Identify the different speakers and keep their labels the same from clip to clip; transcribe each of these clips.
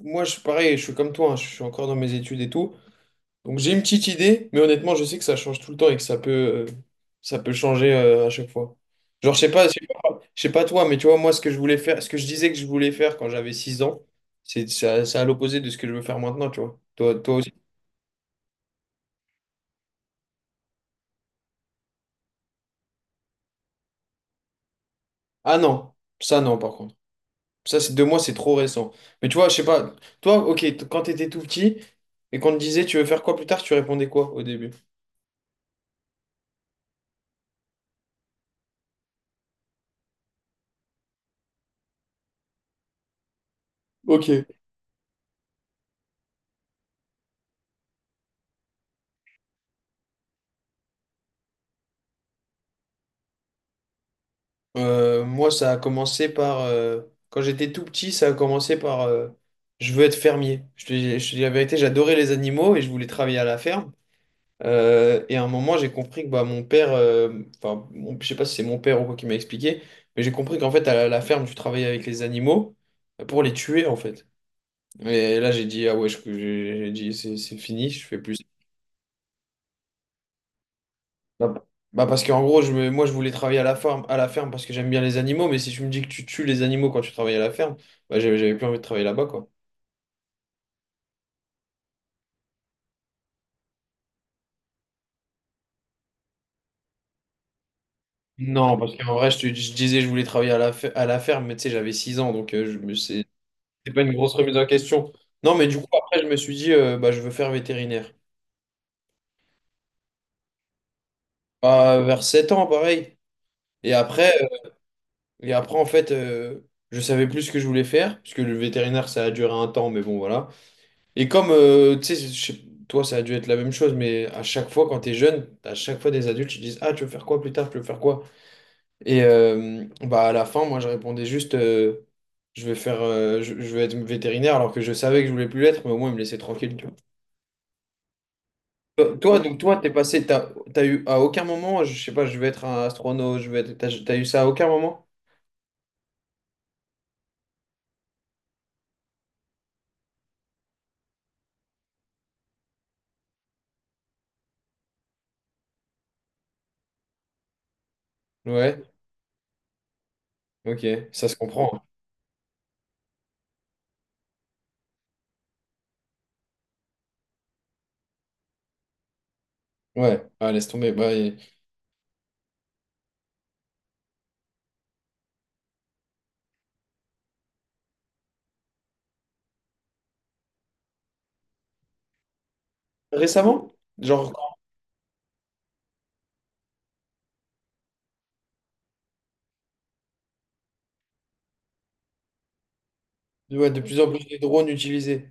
Speaker 1: Moi, je suis pareil, je suis comme toi, hein, je suis encore dans mes études et tout. Donc j'ai une petite idée, mais honnêtement, je sais que ça change tout le temps et que ça peut changer à chaque fois. Genre, je sais pas, je sais pas, je sais pas toi, mais tu vois, moi, ce que je voulais faire, ce que je disais que je voulais faire quand j'avais 6 ans, c'est à l'opposé de ce que je veux faire maintenant, tu vois. Toi, toi aussi. Ah non, ça non, par contre. Ça, c'est deux mois, c'est trop récent. Mais tu vois, je sais pas, toi, ok, quand t'étais tout petit et qu'on te disait tu veux faire quoi plus tard, tu répondais quoi au début? Ok. Moi, ça a commencé par... quand j'étais tout petit, ça a commencé par... je veux être fermier. Je te dis je te dis la vérité, j'adorais les animaux et je voulais travailler à la ferme. Et à un moment, j'ai compris que mon père... Enfin, je sais pas si c'est mon père ou quoi qui m'a expliqué, mais j'ai compris qu'en fait, à la ferme, tu travaillais avec les animaux pour les tuer, en fait. Et là, j'ai dit, ah ouais, j'ai dit, c'est fini, je fais plus. Bah, bah parce qu'en gros, moi, je voulais travailler à la ferme parce que j'aime bien les animaux, mais si tu me dis que tu tues les animaux quand tu travailles à la ferme, bah, j'avais plus envie de travailler là-bas, quoi. Non, parce qu'en vrai, je disais que je voulais travailler à à la ferme, mais tu sais, j'avais 6 ans, donc c'est pas une grosse remise en question. Non, mais du coup, après, je me suis dit, bah, je veux faire vétérinaire. Bah, vers 7 ans, pareil. Et après, et après en fait, je savais plus ce que je voulais faire, parce que le vétérinaire, ça a duré un temps, mais bon, voilà. Et comme, tu sais, toi, ça a dû être la même chose, mais à chaque fois, quand tu es jeune, à chaque fois, des adultes, ils disent, ah, tu veux faire quoi plus tard? Tu veux faire quoi? Et bah, à la fin, moi, je répondais juste, je vais faire, je vais être vétérinaire, alors que je savais que je voulais plus l'être, mais au moins, ils me laissaient tranquille, tu vois. Toi, donc, t'as eu à aucun moment, je sais pas, je vais être un astronaute, je vais être, t'as eu ça à aucun moment? Ouais, ok, ça se comprend. Hein. Ouais, ah, laisse tomber. Bah, et- Récemment? Genre, ouais, de plus en plus de drones utilisés.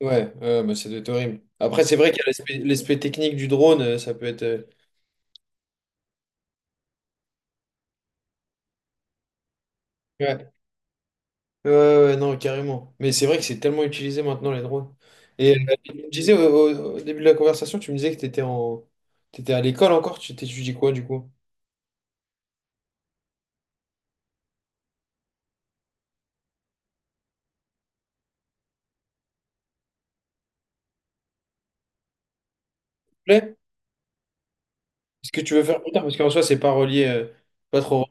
Speaker 1: Ouais, ouais, ouais, bah, ça doit être horrible. Après, c'est vrai qu'il y a l'aspect technique du drone, ça peut être. Ouais. Ouais, ouais, non, carrément. Mais c'est vrai que c'est tellement utilisé maintenant, les drones. Et tu me disais au début de la conversation, tu me disais que tu étais en... t'étais à l'école encore, tu t'étudies quoi du coup? S'il te plaît. Ce que tu veux faire plus tard, parce qu'en soi, c'est pas relié, pas trop.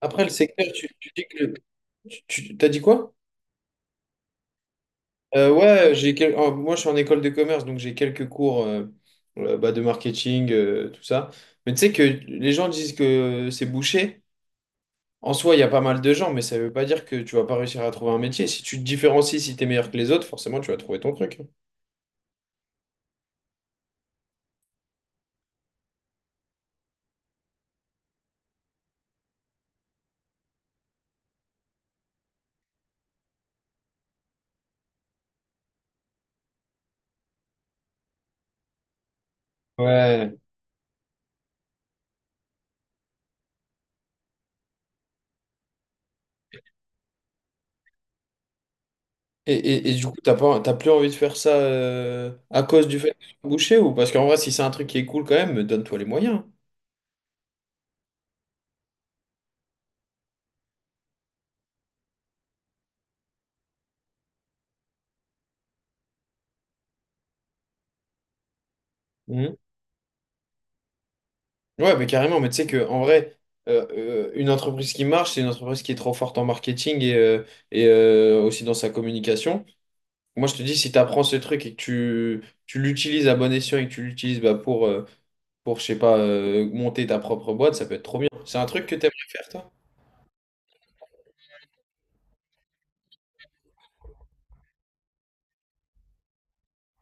Speaker 1: Après, le secteur, tu dis que. T'as dit quoi? Ouais, moi je suis en école de commerce, donc j'ai quelques cours bah, de marketing, tout ça. Mais tu sais que les gens disent que c'est bouché. En soi, il y a pas mal de gens, mais ça veut pas dire que tu vas pas réussir à trouver un métier. Si tu te différencies, si tu es meilleur que les autres, forcément tu vas trouver ton truc. Ouais. Et du coup, t'as pas, t'as plus envie de faire ça à cause du fait que tu es bouché ou parce qu'en vrai, si c'est un truc qui est cool quand même, donne-toi les moyens. Ouais, mais carrément, mais tu sais que en vrai, une entreprise qui marche, c'est une entreprise qui est trop forte en marketing et aussi dans sa communication. Moi, je te dis, si tu apprends ce truc et tu l'utilises à bon escient et que tu l'utilises bah, pour, je sais pas, monter ta propre boîte, ça peut être trop bien. C'est un truc que tu aimerais faire, toi?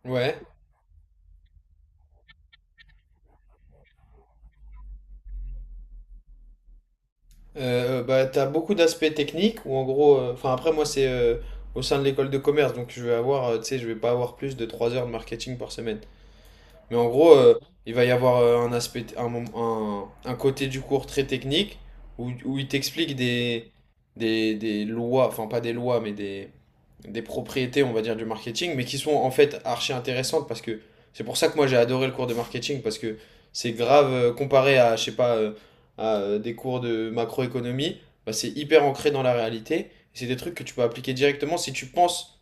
Speaker 1: Ouais. Bah, tu as beaucoup d'aspects techniques où, en gros, enfin, après, moi, c'est au sein de l'école de commerce, donc je vais avoir, tu sais, je vais pas avoir plus de 3 heures de marketing par semaine. Mais en gros, il va y avoir un aspect, un côté du cours très technique où, où il t'explique des lois, enfin pas des lois, mais des propriétés, on va dire, du marketing, mais qui sont en fait archi intéressantes parce que c'est pour ça que moi j'ai adoré le cours de marketing parce que c'est grave comparé à, je sais pas, à des cours de macroéconomie, bah, c'est hyper ancré dans la réalité. C'est des trucs que tu peux appliquer directement si tu penses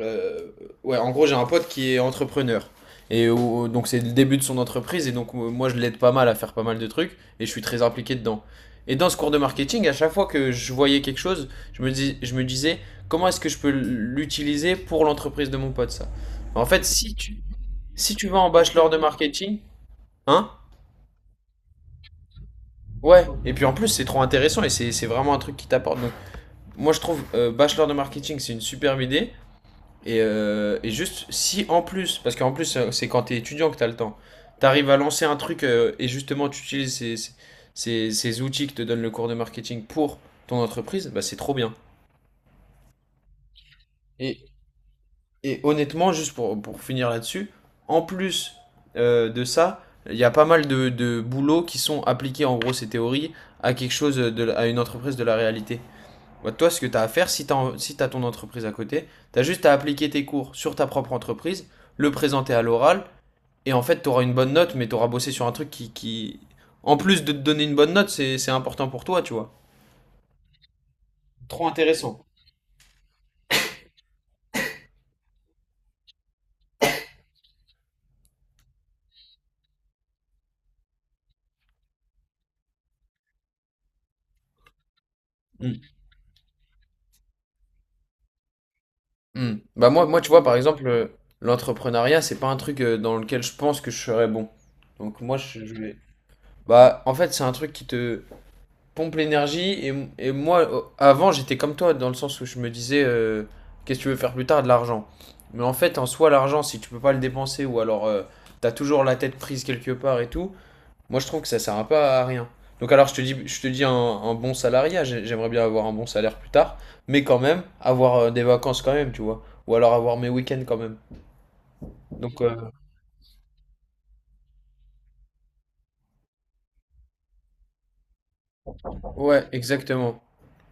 Speaker 1: euh, ouais, en gros, j'ai un pote qui est entrepreneur. Donc, c'est le début de son entreprise. Et donc, moi, je l'aide pas mal à faire pas mal de trucs. Et je suis très impliqué dedans. Et dans ce cours de marketing, à chaque fois que je voyais quelque chose, je me disais, comment est-ce que je peux l'utiliser pour l'entreprise de mon pote, ça? En fait, si tu, si tu vas en bachelor de marketing, hein? Ouais. Et puis en plus, c'est trop intéressant et c'est vraiment un truc qui t'apporte. Donc, moi, je trouve bachelor de marketing, c'est une superbe idée. Et juste, si en plus, parce qu'en plus, c'est quand t'es étudiant que t'as le temps, t'arrives à lancer un truc et justement tu utilises ces outils que te donne le cours de marketing pour ton entreprise, bah c'est trop bien. Et, et honnêtement, juste pour finir là-dessus, en plus de ça, il y a pas mal de boulots qui sont appliqués en gros ces théories à quelque chose, à une entreprise de la réalité. Bah, toi, ce que t'as à faire, si t'as ton entreprise à côté, t'as juste à appliquer tes cours sur ta propre entreprise, le présenter à l'oral. Et en fait, tu auras une bonne note, mais tu auras bossé sur un truc en plus de te donner une bonne note, c'est important pour toi, tu vois. Trop intéressant. Mm. Mm. Bah moi, moi, tu vois, par exemple, l'entrepreneuriat, c'est pas un truc dans lequel je pense que je serais bon. Donc moi, je vais... Bah, en fait, c'est un truc qui te pompe l'énergie. Et moi, avant, j'étais comme toi, dans le sens où je me disais, qu'est-ce que tu veux faire plus tard de l'argent? Mais en fait, en soi, l'argent, si tu peux pas le dépenser, ou alors tu t'as toujours la tête prise quelque part et tout, moi, je trouve que ça sert un peu à rien. Donc alors, je te dis un bon salariat, j'aimerais bien avoir un bon salaire plus tard, mais quand même, avoir des vacances quand même, tu vois. Ou alors avoir mes week-ends quand même. Donc, ouais, exactement.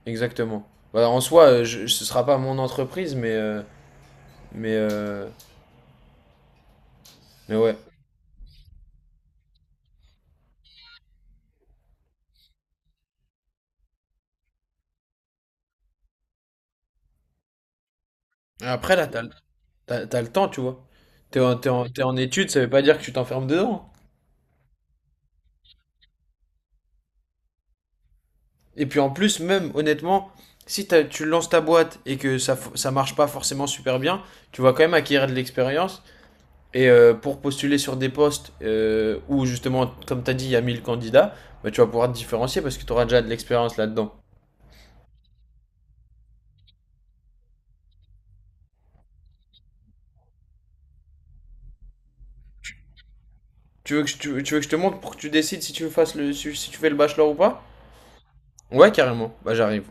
Speaker 1: Exactement. Bah, en soi, ce sera pas mon entreprise, mais, euh, mais ouais. Après, là, t'as le temps, tu vois. T'es en études, ça veut pas dire que tu t'enfermes dedans. Et puis en plus, même honnêtement, si tu lances ta boîte et que ça marche pas forcément super bien, tu vas quand même acquérir de l'expérience. Et pour postuler sur des postes où justement, comme t'as dit, il y a 1000 candidats, bah, tu vas pouvoir te différencier parce que tu auras déjà de l'expérience là-dedans. Tu veux que je te montre pour que tu décides si, si tu fais le bachelor ou pas. Ouais, carrément. Bah j'arrive.